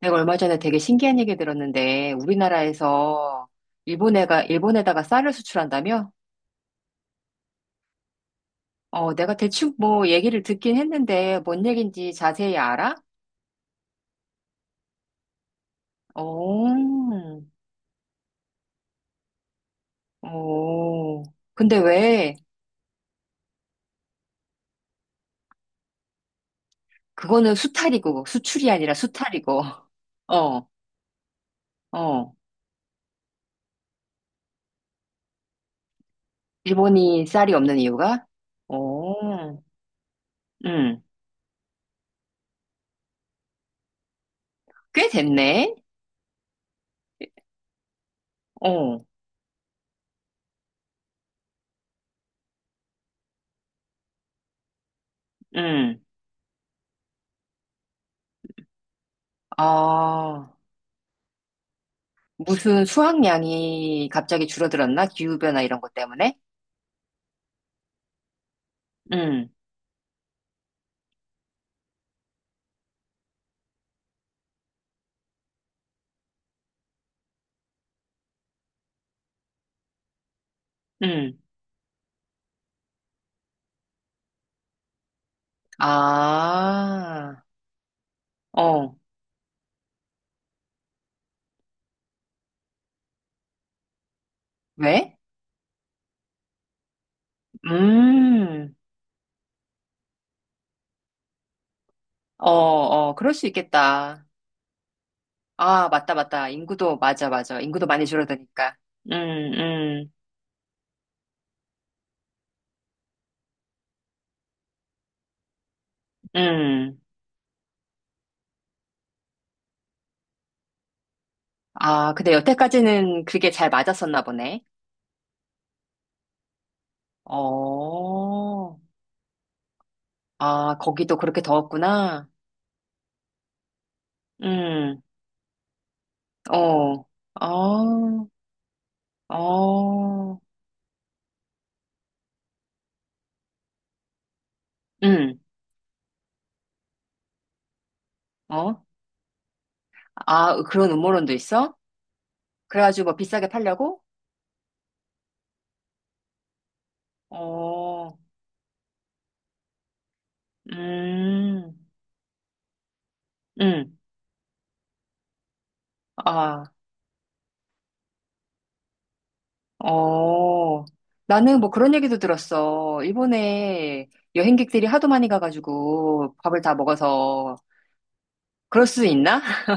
내가 얼마 전에 되게 신기한 얘기 들었는데, 우리나라에서 일본에다가 쌀을 수출한다며? 어, 내가 대충 뭐 얘기를 듣긴 했는데, 뭔 얘기인지 자세히 알아? 오. 오. 근데 왜, 그거는 수탈이고, 수출이 아니라 수탈이고, 어, 어. 일본이 쌀이 없는 이유가? 오. 음, 꽤 됐네? 어, 음. 아. 무슨 수확량이 갑자기 줄어들었나? 기후변화 이런 것 때문에? 응, 응. 아, 어, 왜? 음, 어, 어, 그럴 수 있겠다. 아, 맞다, 맞다. 인구도, 맞아, 맞아. 인구도 많이 줄어드니까. 음, 음, 음. 아, 근데 여태까지는 그게 잘 맞았었나 보네. 어, 아, 거기도 그렇게 더웠구나. 음, 어, 어, 어, 음. 어? 아, 그런 음모론도 있어? 그래가지고 뭐 비싸게 팔려고? 어, 음, 음, 아, 어. 나는 뭐 그런 얘기도 들었어. 일본에 여행객들이 하도 많이 가가지고 밥을 다 먹어서 그럴 수 있나?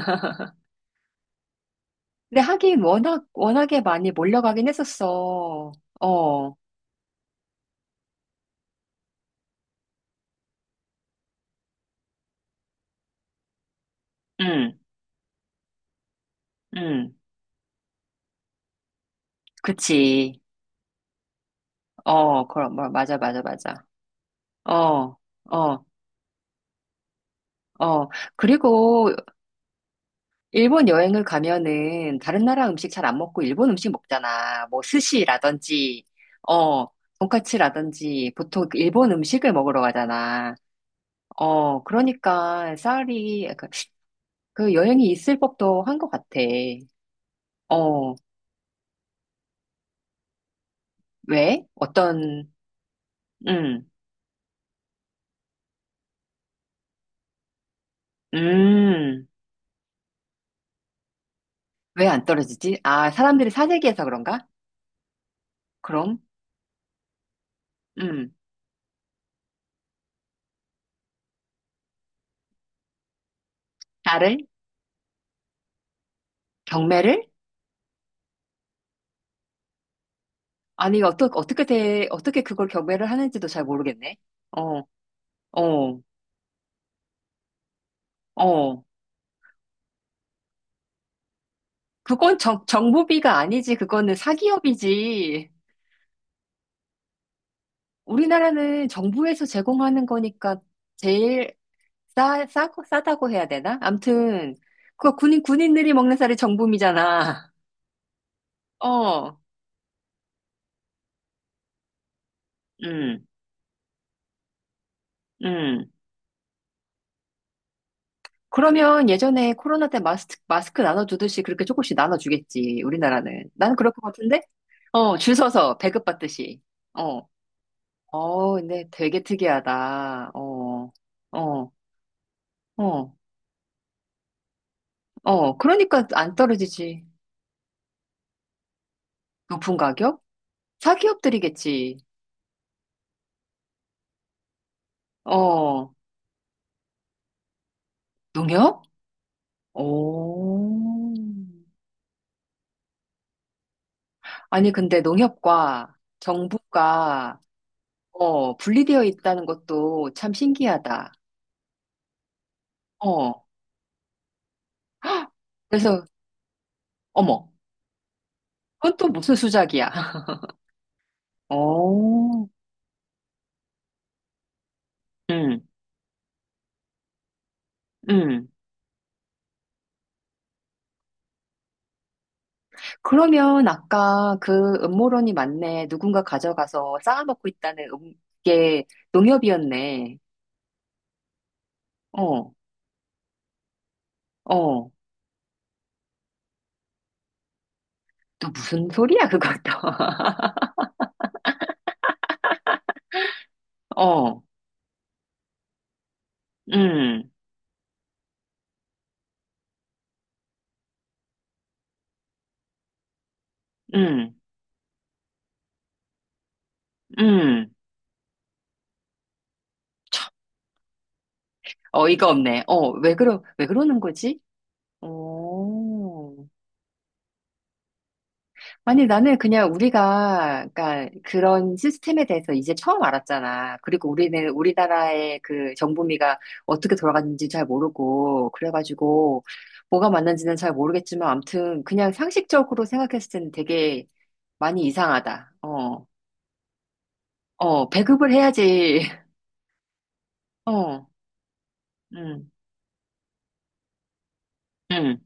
근데 하긴 워낙에 많이 몰려가긴 했었어. 어, 음, 음, 그치. 어, 그럼, 뭐, 맞아, 맞아, 맞아. 어, 어, 어. 그리고 일본 여행을 가면은 다른 나라 음식 잘 안 먹고 일본 음식 먹잖아. 뭐 스시라든지, 어, 돈까츠라든지 보통 그 일본 음식을 먹으러 가잖아. 어, 그러니까 쌀이 약간 그 여행이 있을 법도 한 것 같아. 어, 왜? 어떤, 음, 음, 왜 안 떨어지지? 아, 사람들이 사재기해서 그런가? 그럼, 음, 쌀을? 경매를? 아니, 어떻게, 어떻게 돼, 어떻게 그걸 경매를 하는지도 잘 모르겠네. 어. 어, 어, 그건 정부비가 아니지. 그거는 사기업이지. 우리나라는 정부에서 제공하는 거니까 제일 싸다고 해야 되나? 암튼, 그거 군인들이 먹는 살이 정부미잖아. 어, 음, 음. 그러면 예전에 코로나 때 마스크 나눠주듯이 그렇게 조금씩 나눠주겠지, 우리나라는. 나는 그럴 것 같은데? 어, 줄 서서 배급받듯이. 어, 어, 근데 되게 특이하다. 어, 어, 어. 어, 그러니까 안 떨어지지. 높은 가격? 사기업들이겠지. 어, 농협? 오. 아니, 근데 농협과 정부가, 어, 분리되어 있다는 것도 참 신기하다. 어, 그래서, 어머, 그건 또 무슨 수작이야. 오, 응, 응, 그러면 아까 그 음모론이 맞네. 누군가 가져가서 쌓아먹고 있다는 게 농협이었네. 어, 어. 또 무슨 소리야, 그것도. 어, 음, 음, 음. 참, 어이가 없네. 어, 왜 그러는 거지? 어. 아니, 나는 그냥 우리가, 그러니까 그런 시스템에 대해서 이제 처음 알았잖아. 그리고 우리는 우리나라의 그 정부미가 어떻게 돌아가는지 잘 모르고, 그래가지고, 뭐가 맞는지는 잘 모르겠지만, 암튼, 그냥 상식적으로 생각했을 때는 되게 많이 이상하다. 어, 어, 배급을 해야지. 어, 음. 응,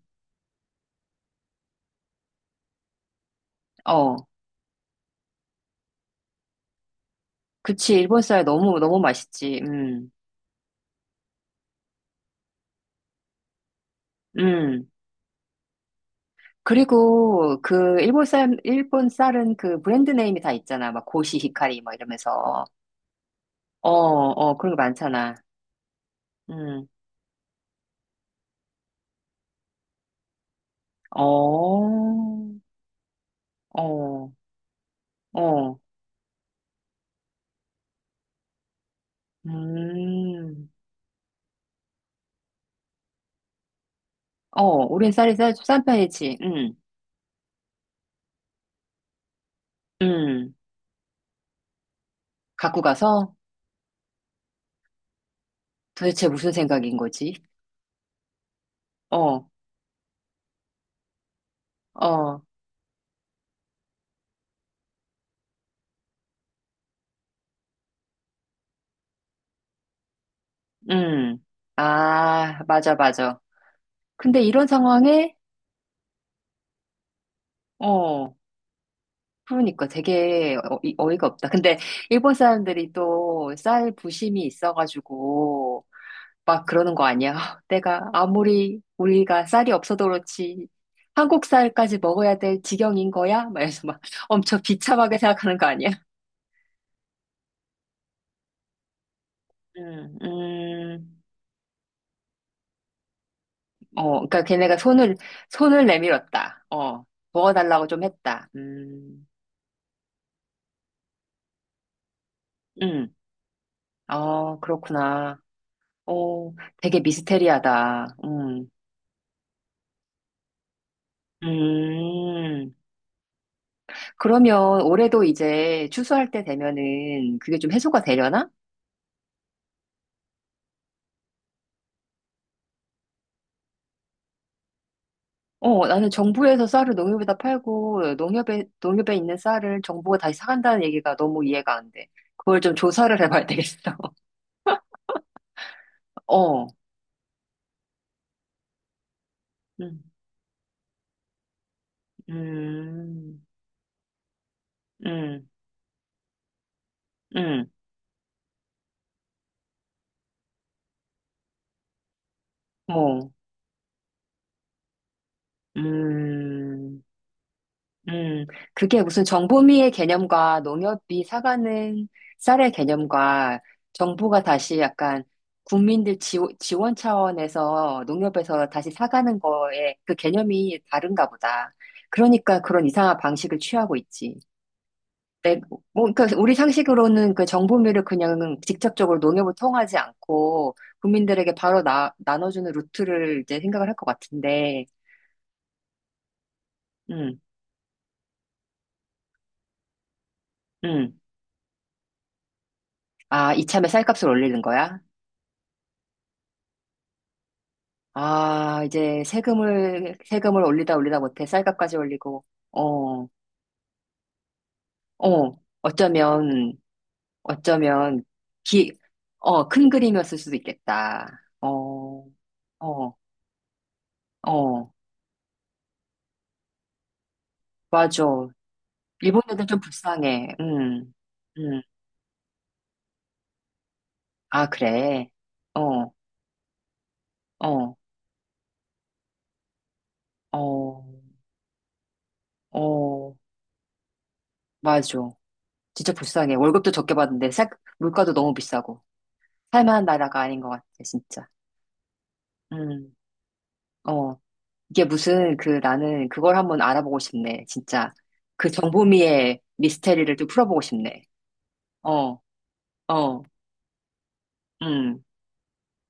어, 그치, 일본 쌀 너무, 너무 맛있지, 음. 그리고 그 일본 쌀, 일본 쌀은 그 브랜드 네임이 다 있잖아. 막 고시, 히카리, 막 이러면서. 어, 어, 그런 거 많잖아. 음, 어, 어, 어, 음, 어, 우린 쌀이 쌀, 싼 편이지, 음. 갖고 가서 도대체 무슨 생각인 거지? 어, 어, 음. 아, 맞아, 맞아. 근데 이런 상황에 어, 그러니까 되게 어이가 없다. 근데 일본 사람들이 또 쌀 부심이 있어가지고 막 그러는 거 아니야? 내가 아무리 우리가 쌀이 없어도 그렇지 한국 쌀까지 먹어야 될 지경인 거야? 막 이래서 막 엄청 비참하게 생각하는 거 아니야? 음, 음, 어, 그러니까 걔네가 손을 손을 내밀었다. 어, 먹어달라고 좀 했다. 음, 어, 그렇구나. 어, 되게 미스테리하다. 음. 음. 그러면 올해도 이제 추수할 때 되면은 그게 좀 해소가 되려나? 어, 나는 정부에서 쌀을 농협에다 팔고 농협에 있는 쌀을 정부가 다시 사간다는 얘기가 너무 이해가 안 돼. 그걸 좀 조사를 해봐야 되겠어. 어, 음, 음, 음, 음, 어, 음. 음, 그게 무슨 정보미의 개념과 농협이 사가는 쌀의 개념과 정부가 다시 약간 국민들 지원, 지원 차원에서 농협에서 다시 사가는 거에 그 개념이 다른가 보다. 그러니까 그런 이상한 방식을 취하고 있지. 내, 뭐, 그러니까 우리 상식으로는 그 정보미를 그냥 직접적으로 농협을 통하지 않고 국민들에게 바로 나눠주는 루트를 이제 생각을 할 것 같은데, 음, 음. 아, 이참에 쌀값을 올리는 거야? 아, 이제 세금을 올리다 올리다 못해 쌀값까지 올리고, 어, 어, 어쩌면, 어쩌면, 기, 어, 큰 그림이었을 수도 있겠다. 어, 어, 어, 맞아. 일본 애들 좀 불쌍해. 음, 아, 그래. 어, 어, 어, 어, 맞아. 진짜 불쌍해. 월급도 적게 받는데, 쌀, 물가도 너무 비싸고. 살만한 나라가 아닌 것 같아, 진짜. 음, 어. 이게 무슨 그 나는 그걸 한번 알아보고 싶네. 진짜 그 정보미의 미스테리를 좀 풀어보고 싶네. 어, 어, 음.